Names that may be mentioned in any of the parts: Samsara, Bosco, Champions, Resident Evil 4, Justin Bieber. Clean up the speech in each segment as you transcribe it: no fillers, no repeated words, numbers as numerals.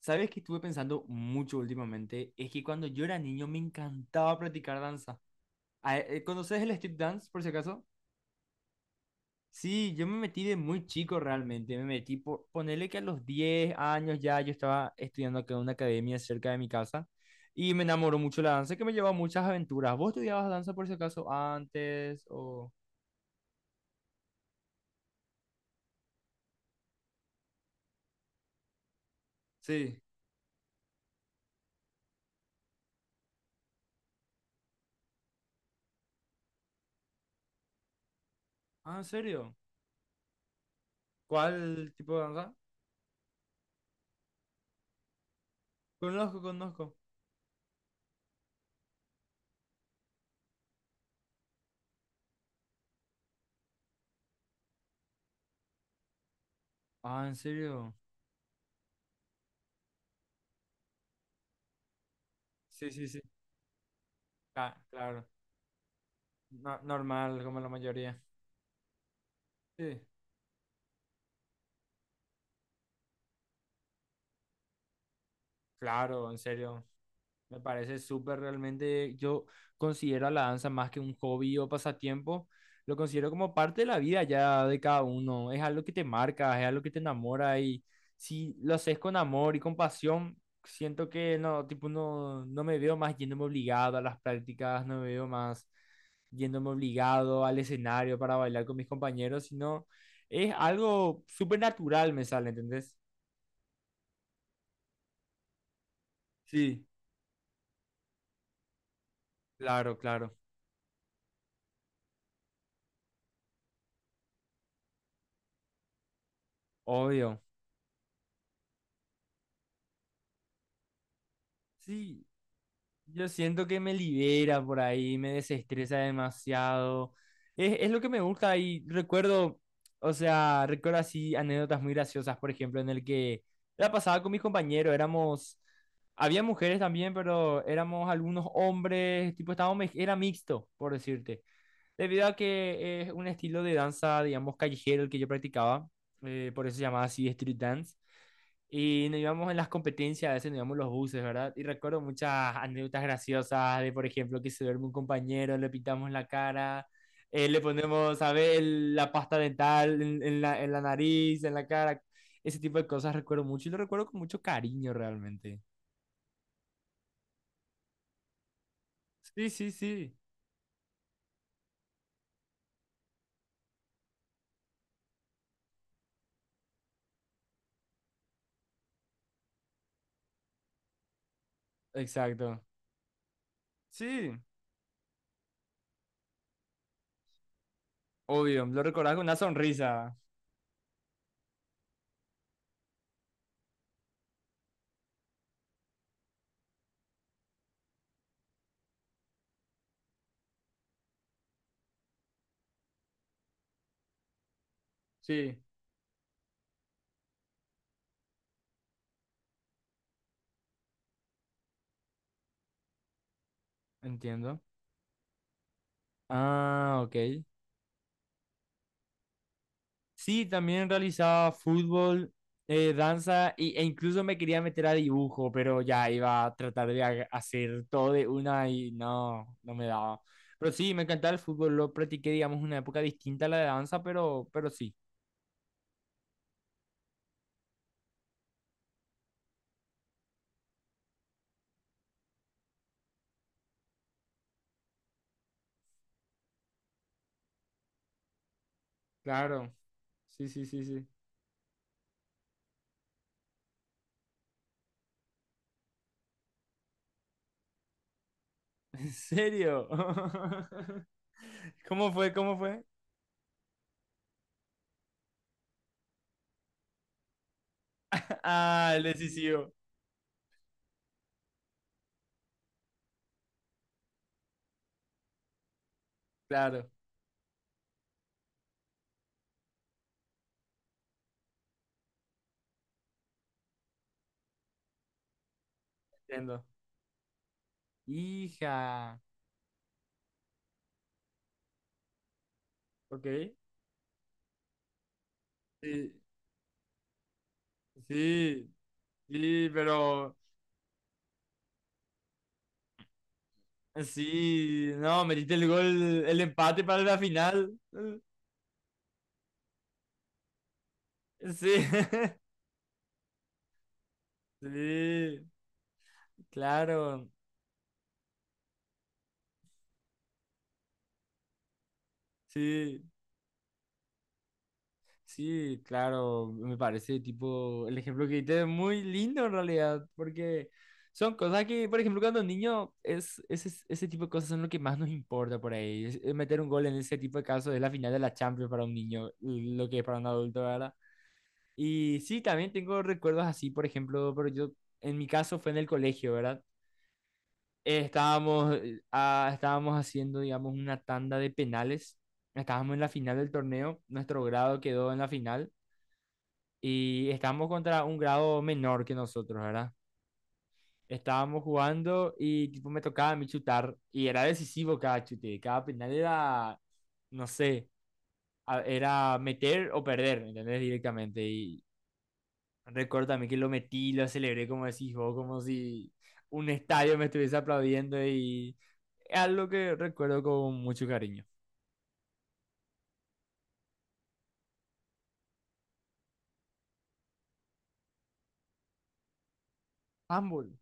¿Sabes qué estuve pensando mucho últimamente? Es que cuando yo era niño me encantaba practicar danza. ¿Conoces el street dance, por si acaso? Sí, yo me metí de muy chico realmente. Me metí por ponerle que a los 10 años ya yo estaba estudiando acá en una academia cerca de mi casa y me enamoró mucho la danza que me llevó a muchas aventuras. ¿Vos estudiabas danza por si acaso antes o...? Sí. Ah, ¿en serio? ¿Cuál tipo de danza? Conozco, conozco. Ah, ¿en serio? Sí, sí, sí. Ah, claro. Normal, como la mayoría. Sí. Claro, en serio. Me parece súper realmente. Yo considero a la danza más que un hobby o pasatiempo. Lo considero como parte de la vida ya de cada uno. Es algo que te marca, es algo que te enamora. Y si lo haces con amor y con pasión, siento que no, tipo, no, no me veo más yéndome obligado a las prácticas, no me veo más yéndome obligado al escenario para bailar con mis compañeros, sino es algo súper natural, me sale, ¿entendés? Sí. Claro, claro, obvio. Sí, yo siento que me libera por ahí, me desestresa demasiado. Es lo que me gusta y recuerdo, o sea, recuerdo así anécdotas muy graciosas, por ejemplo, en el que la pasaba con mis compañeros, éramos, había mujeres también, pero éramos algunos hombres, tipo, estábamos, era mixto, por decirte. Debido a que es un estilo de danza, digamos, callejero el que yo practicaba, por eso se llamaba así street dance. Y nos íbamos en las competencias, a veces nos íbamos los buses, ¿verdad? Y recuerdo muchas anécdotas graciosas de, por ejemplo, que se duerme un compañero, le pintamos la cara, le ponemos, ¿sabes? La pasta dental en la nariz, en la cara. Ese tipo de cosas recuerdo mucho y lo recuerdo con mucho cariño realmente. Sí, sí, sí. Exacto. Sí. Obvio, lo recordás con una sonrisa. Sí. Entiendo. Ah, ok. Sí, también realizaba fútbol, danza e incluso me quería meter a dibujo, pero ya iba a tratar de hacer todo de una y no, no me daba. Pero sí, me encantaba el fútbol, lo practiqué, digamos, en una época distinta a la de danza, pero sí, claro. Sí, sí, sí, sí. ¿En serio? ¿Cómo fue? ¿Cómo fue? Ah, el decisivo. Claro, entiendo. Hija, ok. Sí, sí, sí, pero... Sí, no, metiste el gol, el empate para la final. Sí, sí, claro, sí, sí, claro. Me parece tipo, el ejemplo que diste es muy lindo en realidad, porque son cosas que, por ejemplo, cuando niño, es, ese tipo de cosas son lo que más nos importa por ahí. Es meter un gol en ese tipo de casos es la final de la Champions para un niño, lo que es para un adulto, ¿verdad? Y sí, también tengo recuerdos así, por ejemplo, pero yo, en mi caso fue en el colegio, ¿verdad? Estábamos, estábamos haciendo, digamos, una tanda de penales. Estábamos en la final del torneo. Nuestro grado quedó en la final. Y estábamos contra un grado menor que nosotros, ¿verdad? Estábamos jugando y tipo, me tocaba a mí chutar. Y era decisivo cada chute. Cada penal era, no sé, era meter o perder, ¿entendés? Directamente. Y recuerdo también que lo metí, lo celebré como decís vos, como si un estadio me estuviese aplaudiendo y es algo que recuerdo con mucho cariño. Ambul.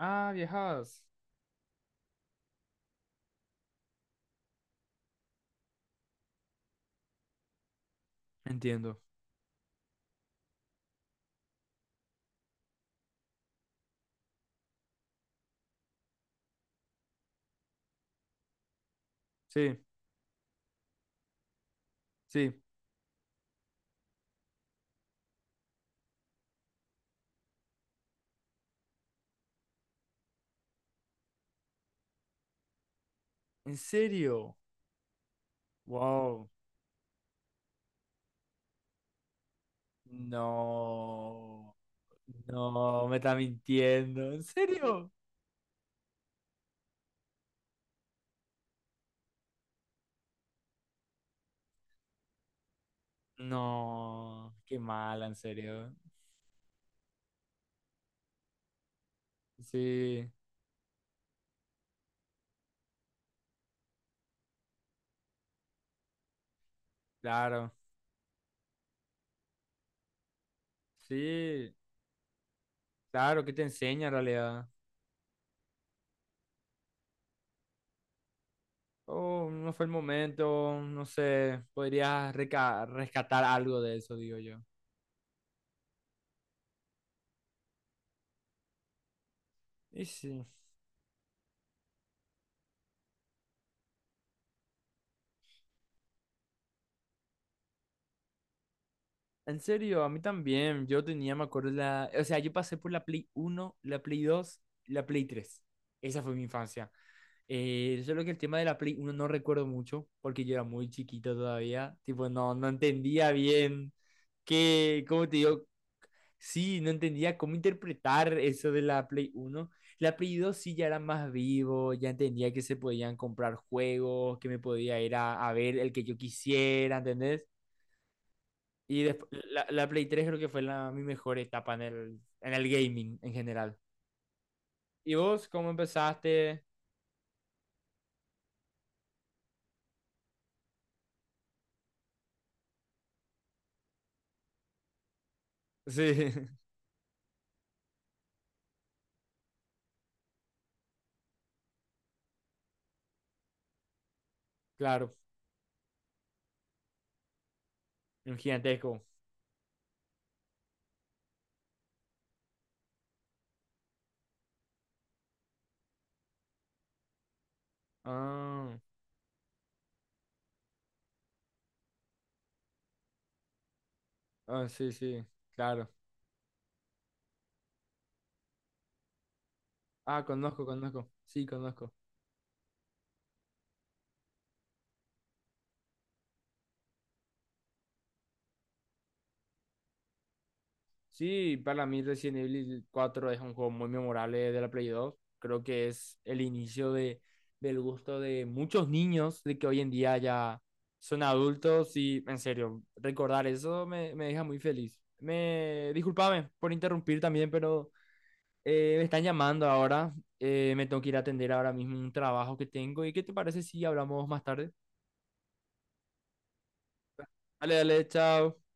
Ah, viajadas. Entiendo. Sí, sí. ¿En serio? Wow. No. No, me está mintiendo. ¿En serio? No. Qué mala, en serio. Sí, claro. Sí, claro, ¿qué te enseña en realidad? Oh, no fue el momento, no sé. Podrías rescatar algo de eso, digo yo. Y sí. En serio, a mí también. Yo tenía, me acuerdo, la... O sea, yo pasé por la Play 1, la Play 2, la Play 3. Esa fue mi infancia. Solo que el tema de la Play 1 no recuerdo mucho, porque yo era muy chiquito todavía. Tipo, no, no entendía bien qué, ¿cómo te digo? Sí, no entendía cómo interpretar eso de la Play 1. La Play 2 sí ya era más vivo, ya entendía que se podían comprar juegos, que me podía ir a ver el que yo quisiera, ¿entendés? Y después, la Play 3 creo que fue la, mi mejor etapa en el gaming en general. ¿Y vos cómo empezaste? Sí, claro, un gigantesco. Ah, ah, sí, sí, claro. Ah, conozco, conozco. Sí, conozco. Sí, para mí Resident Evil 4 es un juego muy memorable de la Play 2. Creo que es el inicio de, del gusto de muchos niños de que hoy en día ya son adultos y en serio, recordar eso me, me deja muy feliz. Me discúlpame por interrumpir también, pero me están llamando ahora. Me tengo que ir a atender ahora mismo un trabajo que tengo. ¿Y qué te parece si hablamos más tarde? Dale, dale, chao.